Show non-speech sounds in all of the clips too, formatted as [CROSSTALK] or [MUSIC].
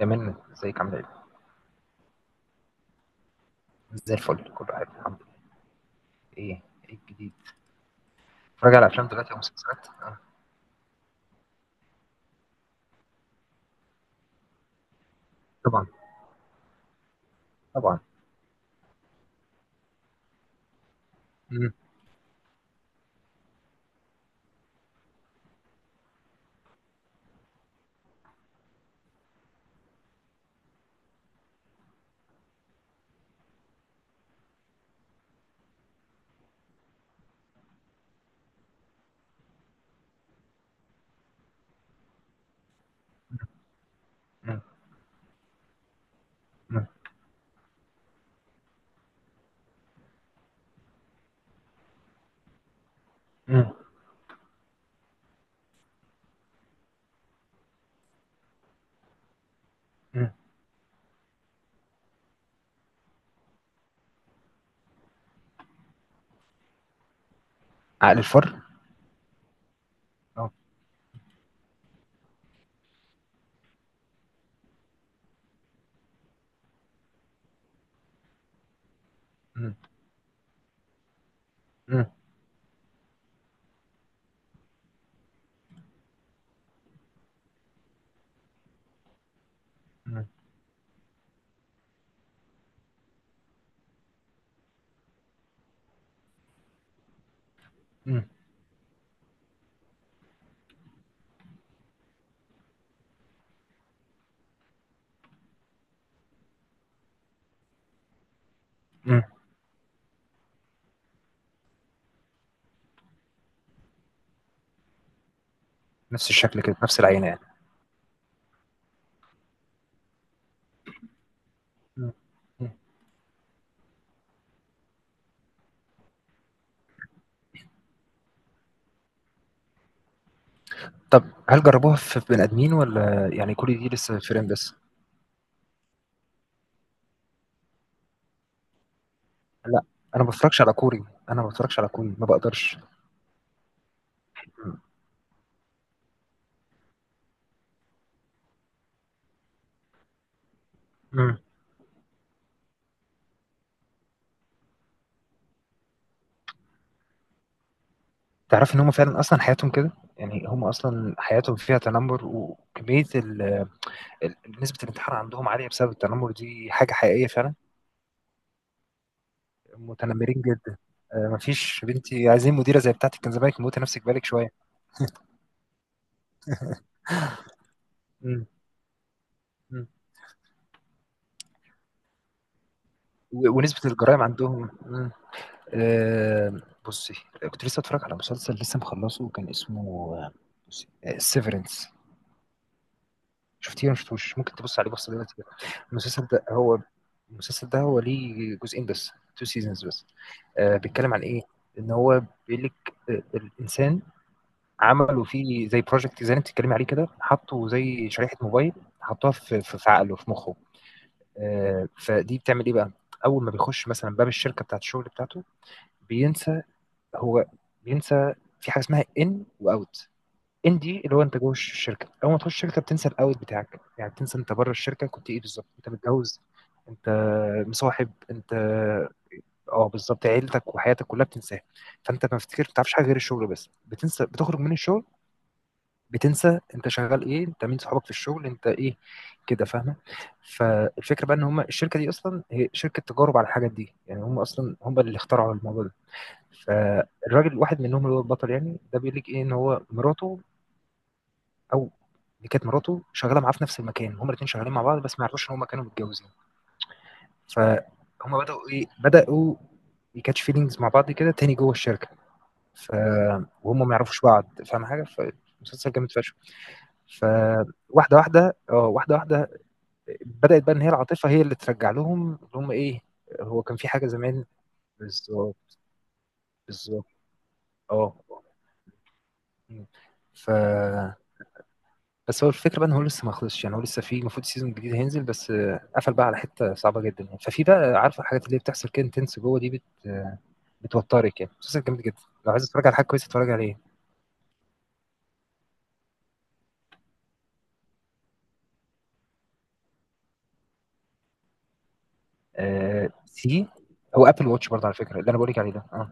يا من ازيك عامل ايه؟ زي الفل كله عارف الحمد لله. ايه. ايه الجديد؟ اتفرج على افلام دلوقتي او مسلسلات؟ آه. طبعا. طبعا. مم. مم. مم. مم. مم. عقل الفر؟ اه. مم. مم. مم. مم. مم. نفس الشكل كده، نفس العينة يعني. مم. مم. طب هل جربوها في بني ادمين ولا يعني كوري دي لسه فيلم بس؟ لا. انا ما بتفرجش على كوري انا ما بتفرجش على كوري ما بقدرش. مم. مم. تعرف ان هم فعلا اصلا حياتهم كده؟ يعني هم اصلا حياتهم فيها تنمر وكمية ال- نسبة الانتحار عندهم عالية بسبب التنمر، دي حاجة حقيقية فعلا. متنمرين جدا. مفيش بنتي، عايزين مديرة زي بتاعتك. كان زمانك موتي نفسك. بالك شوية. مم. مم. ونسبة الجرائم عندهم. مم. آه، بصي، كنت لسه اتفرج على مسلسل لسه مخلصه، كان اسمه آه، بصي سيفرنس. شفتيه ولا مشفتوش؟ ممكن تبص عليه، بص دلوقتي كده. المسلسل ده هو المسلسل ده هو ليه جزئين بس، تو سيزونز بس. آه، بيتكلم عن ايه؟ ان هو بيقول لك الانسان عملوا فيه زي بروجكت، زي اللي انت بتتكلمي عليه كده، حطوا زي شريحه موبايل، حطوها في عقله، في مخه. فدي بتعمل ايه بقى؟ اول ما بيخش مثلا باب الشركه بتاعت الشغل بتاعته بينسى. هو بينسى في حاجه اسمها ان واوت. ان دي اللي هو انت جوه الشركه، اول ما تخش الشركه بتنسى الاوت بتاعك، يعني بتنسى انت بره الشركه كنت ايه بالظبط. انت متجوز، انت مصاحب، انت اه بالظبط عيلتك وحياتك كلها بتنساها. فانت ما بتفتكر، ما بتعرفش حاجه غير الشغل بس، بتنسى. بتخرج من الشغل بتنسى انت شغال ايه، انت مين صحابك في الشغل، انت ايه، كده فاهمه؟ فالفكره بقى ان هم الشركه دي اصلا هي شركه تجارب على الحاجات دي، يعني هم اصلا هم اللي اخترعوا الموضوع ده. فالراجل واحد منهم اللي هو البطل يعني، ده بيقول لك ايه، ان هو مراته او اللي كانت مراته شغاله معاه في نفس المكان، هم الاثنين شغالين مع بعض بس ما يعرفوش ان هم كانوا متجوزين. فهم بداوا يكاتش فيلينجز مع بعض كده تاني جوه الشركه. ف وهم ما يعرفوش بعض، فاهم حاجه؟ فالمسلسل جامد فشخ. فواحده واحده اه واحده واحده بدات بقى ان هي العاطفه هي اللي ترجع لهم اللي هم ايه. هو كان في حاجه زمان. بالظبط، بالظبط. اه. مم. ف بس هو الفكره بقى ان هو لسه ما خلصش، يعني هو لسه، في المفروض سيزون جديد هينزل، بس قفل بقى على حته صعبه جدا. يعني ففي بقى عارفه الحاجات اللي هي بتحصل كده، انتنس جوه دي بت آه، بتوترك، يعني مسلسل جامد جدا. لو عايز تتفرج على حاجه كويسه اتفرج عليه. آه، سي. هو ابل واتش برضه على فكره اللي انا بقول لك عليه ده، اه.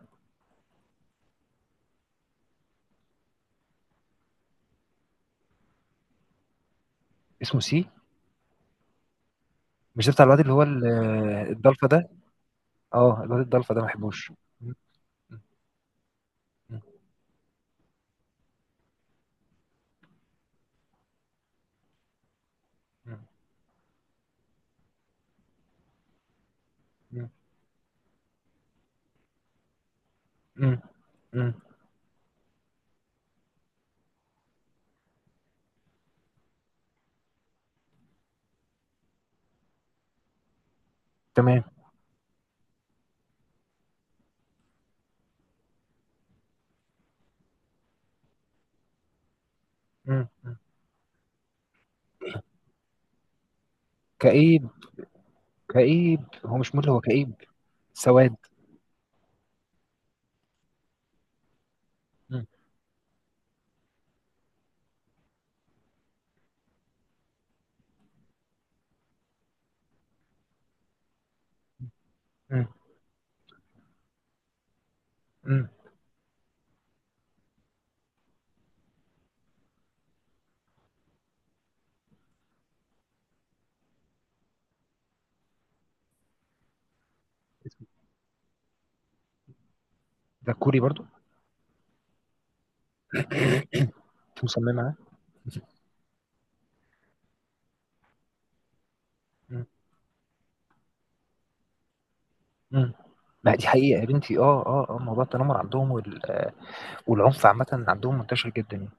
اسمه سي؟ مش ده بتاع الواد اللي هو الضلفه ده؟ اه، الواد الضلفه ده ما بحبوش. م- م- م- م- م- م- تمام. م. كئيب. كئيب، هو مش مولي، هو كئيب. سواد. م- م- م. ده كوري برضو؟ انت مصممه على. ما دي حقيقة يا بنتي. اه، اه، اه، موضوع التنمر عندهم وال... آه، والعنف عامة عندهم منتشر جدا يعني.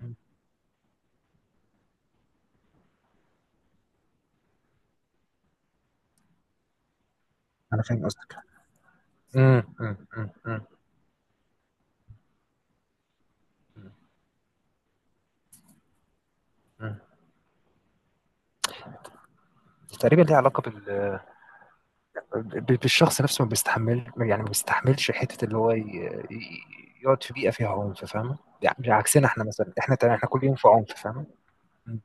م. انا فاهم قصدك. م- م- م- م- م. تقريبا ليه علاقة بالشخص نفسه، ما بيستحمل، يعني ما بيستحملش حته، اللي هو ي- يقعد في بيئه فيها عنف، فاهمه؟ يعني مش عكسنا احنا، مثلا احنا تمام، احنا كل يوم في عنف، فاهمه؟ م-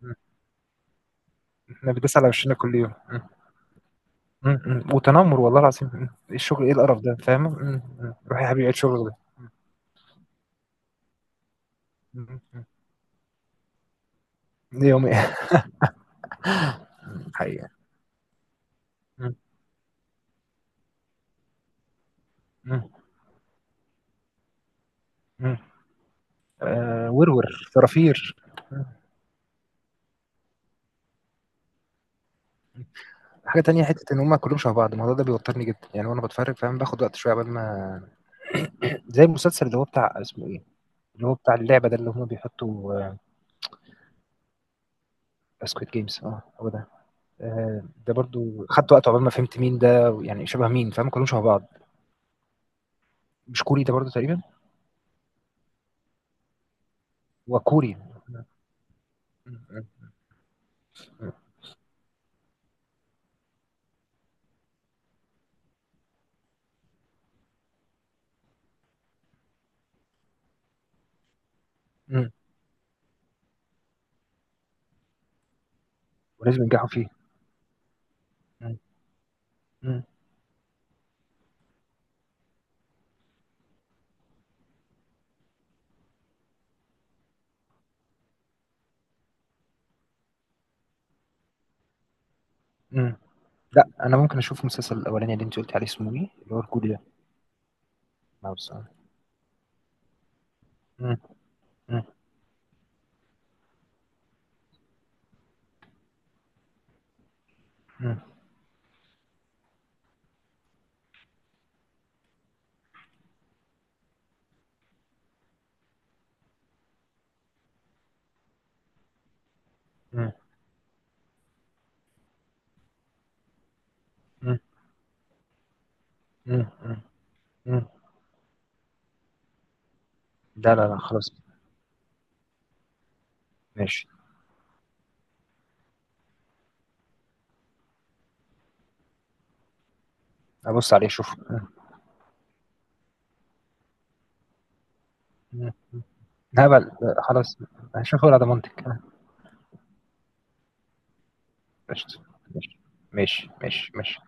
م- احنا بندوس على وشنا كل يوم. م- م. وتنمر، والله العظيم. م. الشغل ايه القرف ده، فاهمه؟ م. روح يا حبيبي عيد شغلك ده. م. ده يومي. [LAUGHS] حقيقه. م- م- م. آه، ورور، فرافير. حاجه تانية، حته ان هم كلهم شبه بعض، الموضوع ده بيوترني جدا يعني، وانا بتفرج فاهم، باخد وقت شويه قبل ما. زي المسلسل اللي هو بتاع اسمه ايه، اللي هو بتاع اللعبة ده اللي هم بيحطوا. سكويد جيمز، اه هو ده. ده برضو خدت وقت عقبال ما فهمت مين ده، يعني شبه مين، فاهم؟ كلهم شبه بعض. مش كوري ده برضو؟ تقريبا. وكوري. ولازم ينجحوا فيه. م- م- م. لا، انا ممكن اشوف المسلسل الاولاني اللي انت قلت عليه، اسمه ايه اللي هو الكوري ده؟ مع بصراحة. م- م- م- م- م- م- م- م. لا، لا، لا، خلاص. ماشي، ابص عليه اشوف. م. هبل. خلاص، هشوفه على ضمانتك. قشطة. ماشي. ماشي. ماشي. ماشي